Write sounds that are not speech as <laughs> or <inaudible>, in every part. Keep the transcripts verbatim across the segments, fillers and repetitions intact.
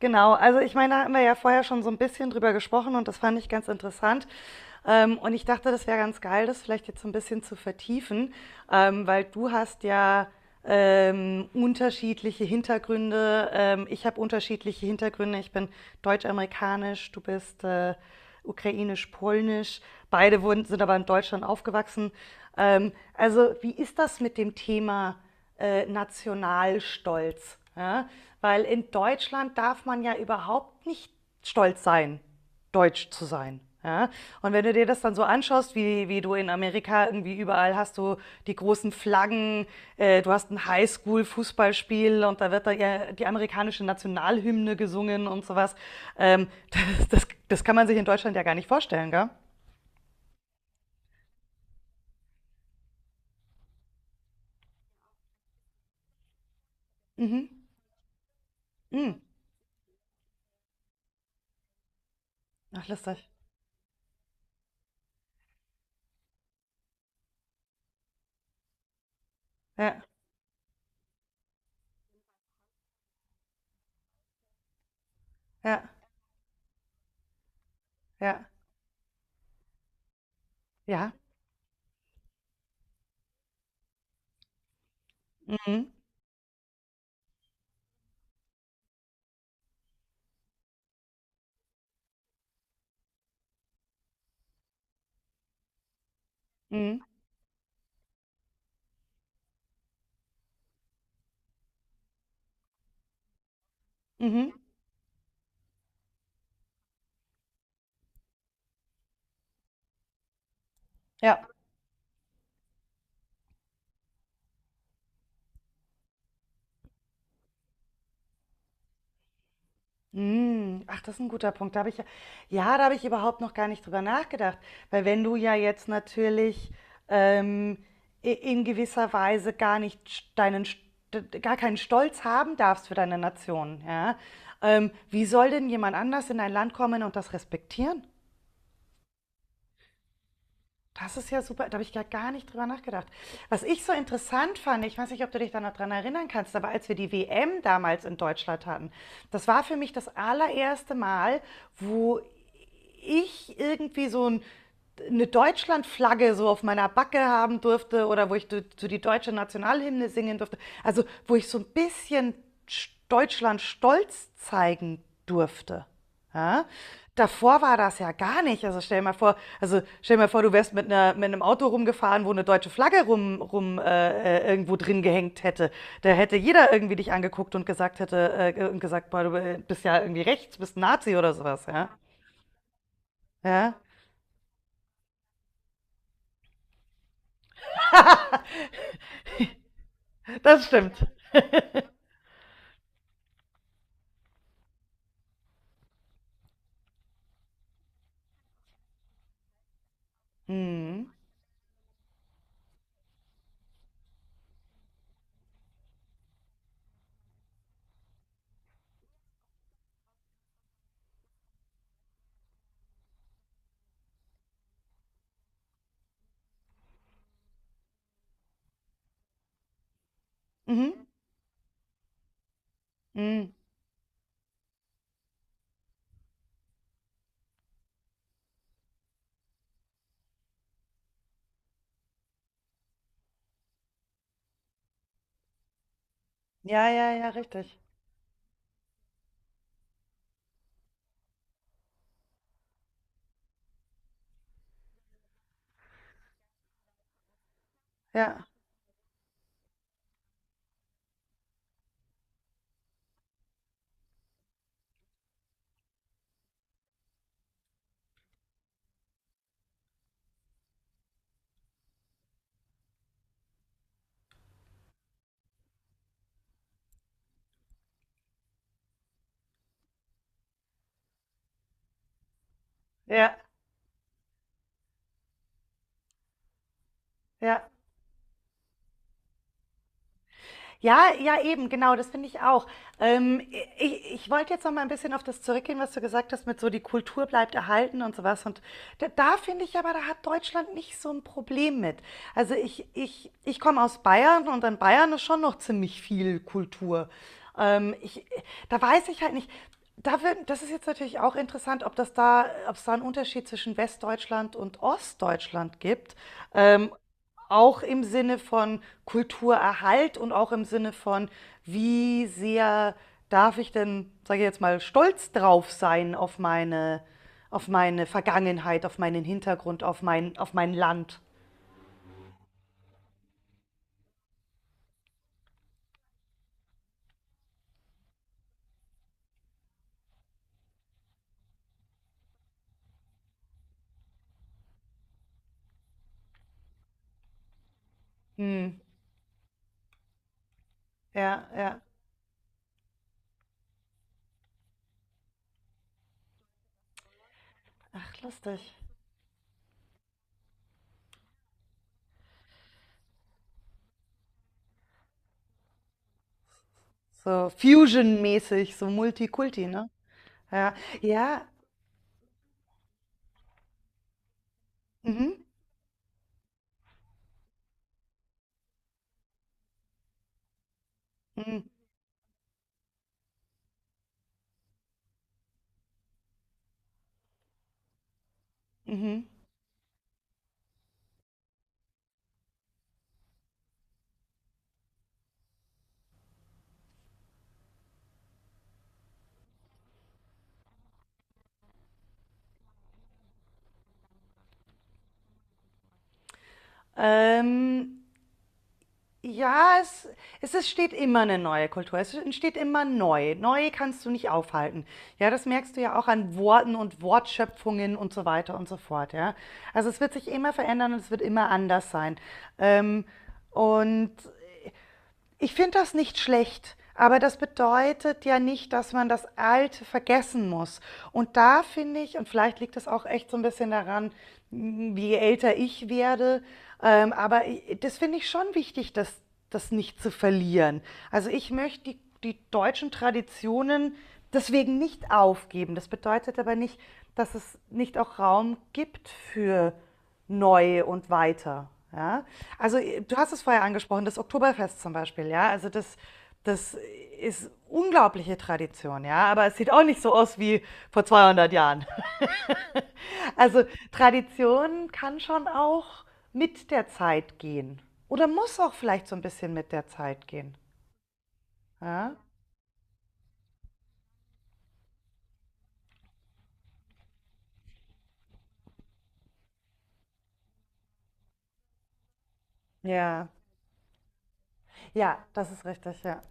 Genau, also ich meine, da haben wir ja vorher schon so ein bisschen drüber gesprochen und das fand ich ganz interessant. Ähm, und ich dachte, das wäre ganz geil, das vielleicht jetzt so ein bisschen zu vertiefen, ähm, weil du hast ja ähm, unterschiedliche Hintergründe. Ähm, ich habe unterschiedliche Hintergründe. Ich bin deutsch-amerikanisch, du bist äh, ukrainisch-polnisch. Beide wurden, sind aber in Deutschland aufgewachsen. Ähm, also wie ist das mit dem Thema äh, Nationalstolz. Ja? Weil in Deutschland darf man ja überhaupt nicht stolz sein, deutsch zu sein. Ja? Und wenn du dir das dann so anschaust, wie, wie du in Amerika irgendwie überall hast du die großen Flaggen, äh, du hast ein Highschool-Fußballspiel und da wird da ja die amerikanische Nationalhymne gesungen und sowas. Ähm, <laughs> das, das, das kann man sich in Deutschland ja gar nicht vorstellen, gell? Mhm. Mhm. Ach, lustig. Ja, ja, ja, ja. Mhm. Mhm. Mhm. Ja. Mhm. Ach, das ist ein guter Punkt. Da habe ich ja, ja, da habe ich überhaupt noch gar nicht drüber nachgedacht. Weil wenn du ja jetzt natürlich ähm, i- in gewisser Weise gar nicht st- deinen, st- gar keinen Stolz haben darfst für deine Nation, ja, ähm, wie soll denn jemand anders in dein Land kommen und das respektieren? Das ist ja super, da habe ich ja gar nicht drüber nachgedacht. Was ich so interessant fand, ich weiß nicht, ob du dich da noch dran erinnern kannst, aber als wir die W M damals in Deutschland hatten, das war für mich das allererste Mal, wo ich irgendwie so ein, eine Deutschlandflagge so auf meiner Backe haben durfte oder wo ich zu so die deutsche Nationalhymne singen durfte. Also, wo ich so ein bisschen Sch- Deutschland stolz zeigen durfte. Ja? Davor war das ja gar nicht. Also stell dir mal vor, also stell dir mal vor, du wärst mit einer, mit einem Auto rumgefahren, wo eine deutsche Flagge rum, rum äh, äh, irgendwo drin gehängt hätte. Da hätte jeder irgendwie dich angeguckt und gesagt hätte äh, und gesagt, boah, du bist ja irgendwie rechts, bist ein Nazi oder sowas, ja. Ja, <laughs> das stimmt. Mhm. Mhm. Mhm. Ja, ja, ja, richtig. Ja, ja, ja. Ja, ja, eben, genau, das finde ich auch. Ähm, ich, ich wollte jetzt noch mal ein bisschen auf das zurückgehen, was du gesagt hast, mit so die Kultur bleibt erhalten und sowas. Und da, da finde ich aber, da hat Deutschland nicht so ein Problem mit. Also ich, ich, ich komme aus Bayern und in Bayern ist schon noch ziemlich viel Kultur. Ähm, ich, da weiß ich halt nicht. Da wird, das ist jetzt natürlich auch interessant, ob das da, ob es da einen Unterschied zwischen Westdeutschland und Ostdeutschland gibt. Ähm, auch im Sinne von Kulturerhalt und auch im Sinne von, wie sehr darf ich denn, sage ich jetzt mal, stolz drauf sein auf meine, auf meine Vergangenheit, auf meinen Hintergrund, auf mein, auf mein Land. Hm. Ja, ja. Ach, lustig. So Fusion-mäßig, so Multikulti, ne? Ja, ja. Mhm. Mhm. Mhm. Ähm, ja, es, es, es steht immer eine neue Kultur. Es entsteht immer neu. Neu kannst du nicht aufhalten. Ja, das merkst du ja auch an Worten und Wortschöpfungen und so weiter und so fort. Ja, also es wird sich immer verändern und es wird immer anders sein. Ähm, und ich finde das nicht schlecht, aber das bedeutet ja nicht, dass man das Alte vergessen muss. Und da finde ich, und vielleicht liegt es auch echt so ein bisschen daran, hm, wie älter ich werde, ähm, aber das finde ich schon wichtig, das das nicht zu verlieren. Also, ich möchte die die deutschen Traditionen deswegen nicht aufgeben. Das bedeutet aber nicht, dass es nicht auch Raum gibt für neu und weiter. Ja? Also äh, du hast es vorher angesprochen, das Oktoberfest zum Beispiel, ja. Also das, das ist unglaubliche Tradition, ja. Aber es sieht auch nicht so aus wie vor zweihundert Jahren. <laughs> Also Tradition kann schon auch mit der Zeit gehen oder muss auch vielleicht so ein bisschen mit der Zeit gehen. Ja, ja, ja, das ist richtig, ja.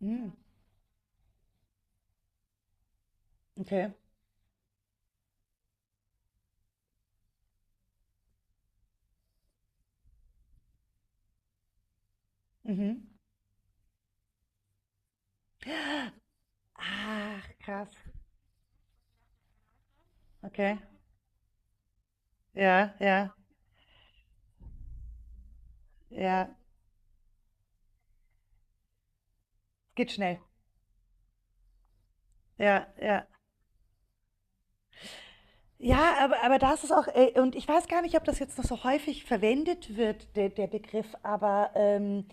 Hm, okay. Mhm. Ach, krass. Okay. Ja, ja, ja. Geht schnell. Ja, ja. Ja, aber, aber da ist es auch, äh, und ich weiß gar nicht, ob das jetzt noch so häufig verwendet wird, der, der Begriff, aber ähm,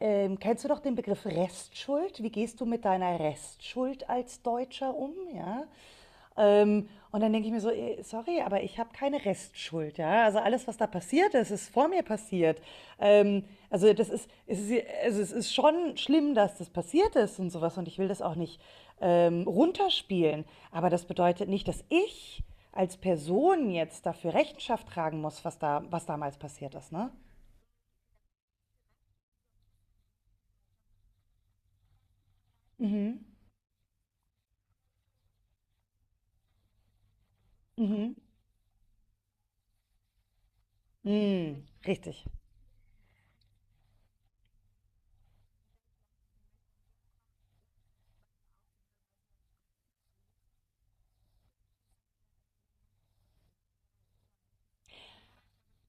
ähm, kennst du doch den Begriff Restschuld? Wie gehst du mit deiner Restschuld als Deutscher um? Ja? Ähm, und dann denke ich mir so, eh, sorry, aber ich habe keine Restschuld, ja. Also alles, was da passiert ist, ist vor mir passiert. Ähm, also das ist, es ist, also es ist schon schlimm, dass das passiert ist und sowas. Und ich will das auch nicht ähm, runterspielen. Aber das bedeutet nicht, dass ich als Person jetzt dafür Rechenschaft tragen muss, was da, was damals passiert ist, ne? Mhm. Mhm. Mhm. Richtig.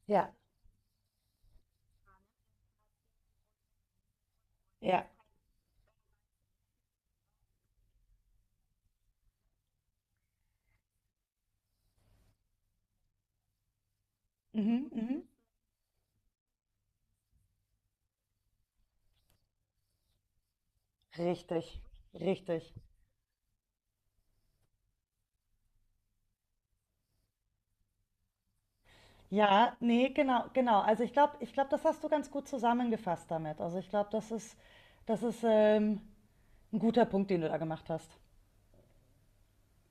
Ja. Ja. Mhm. Mhm. Richtig. Richtig. Ja, nee, genau, genau. Also ich glaube, ich glaube, das hast du ganz gut zusammengefasst damit. Also ich glaube, das ist, das ist ähm, ein guter Punkt, den du da gemacht hast.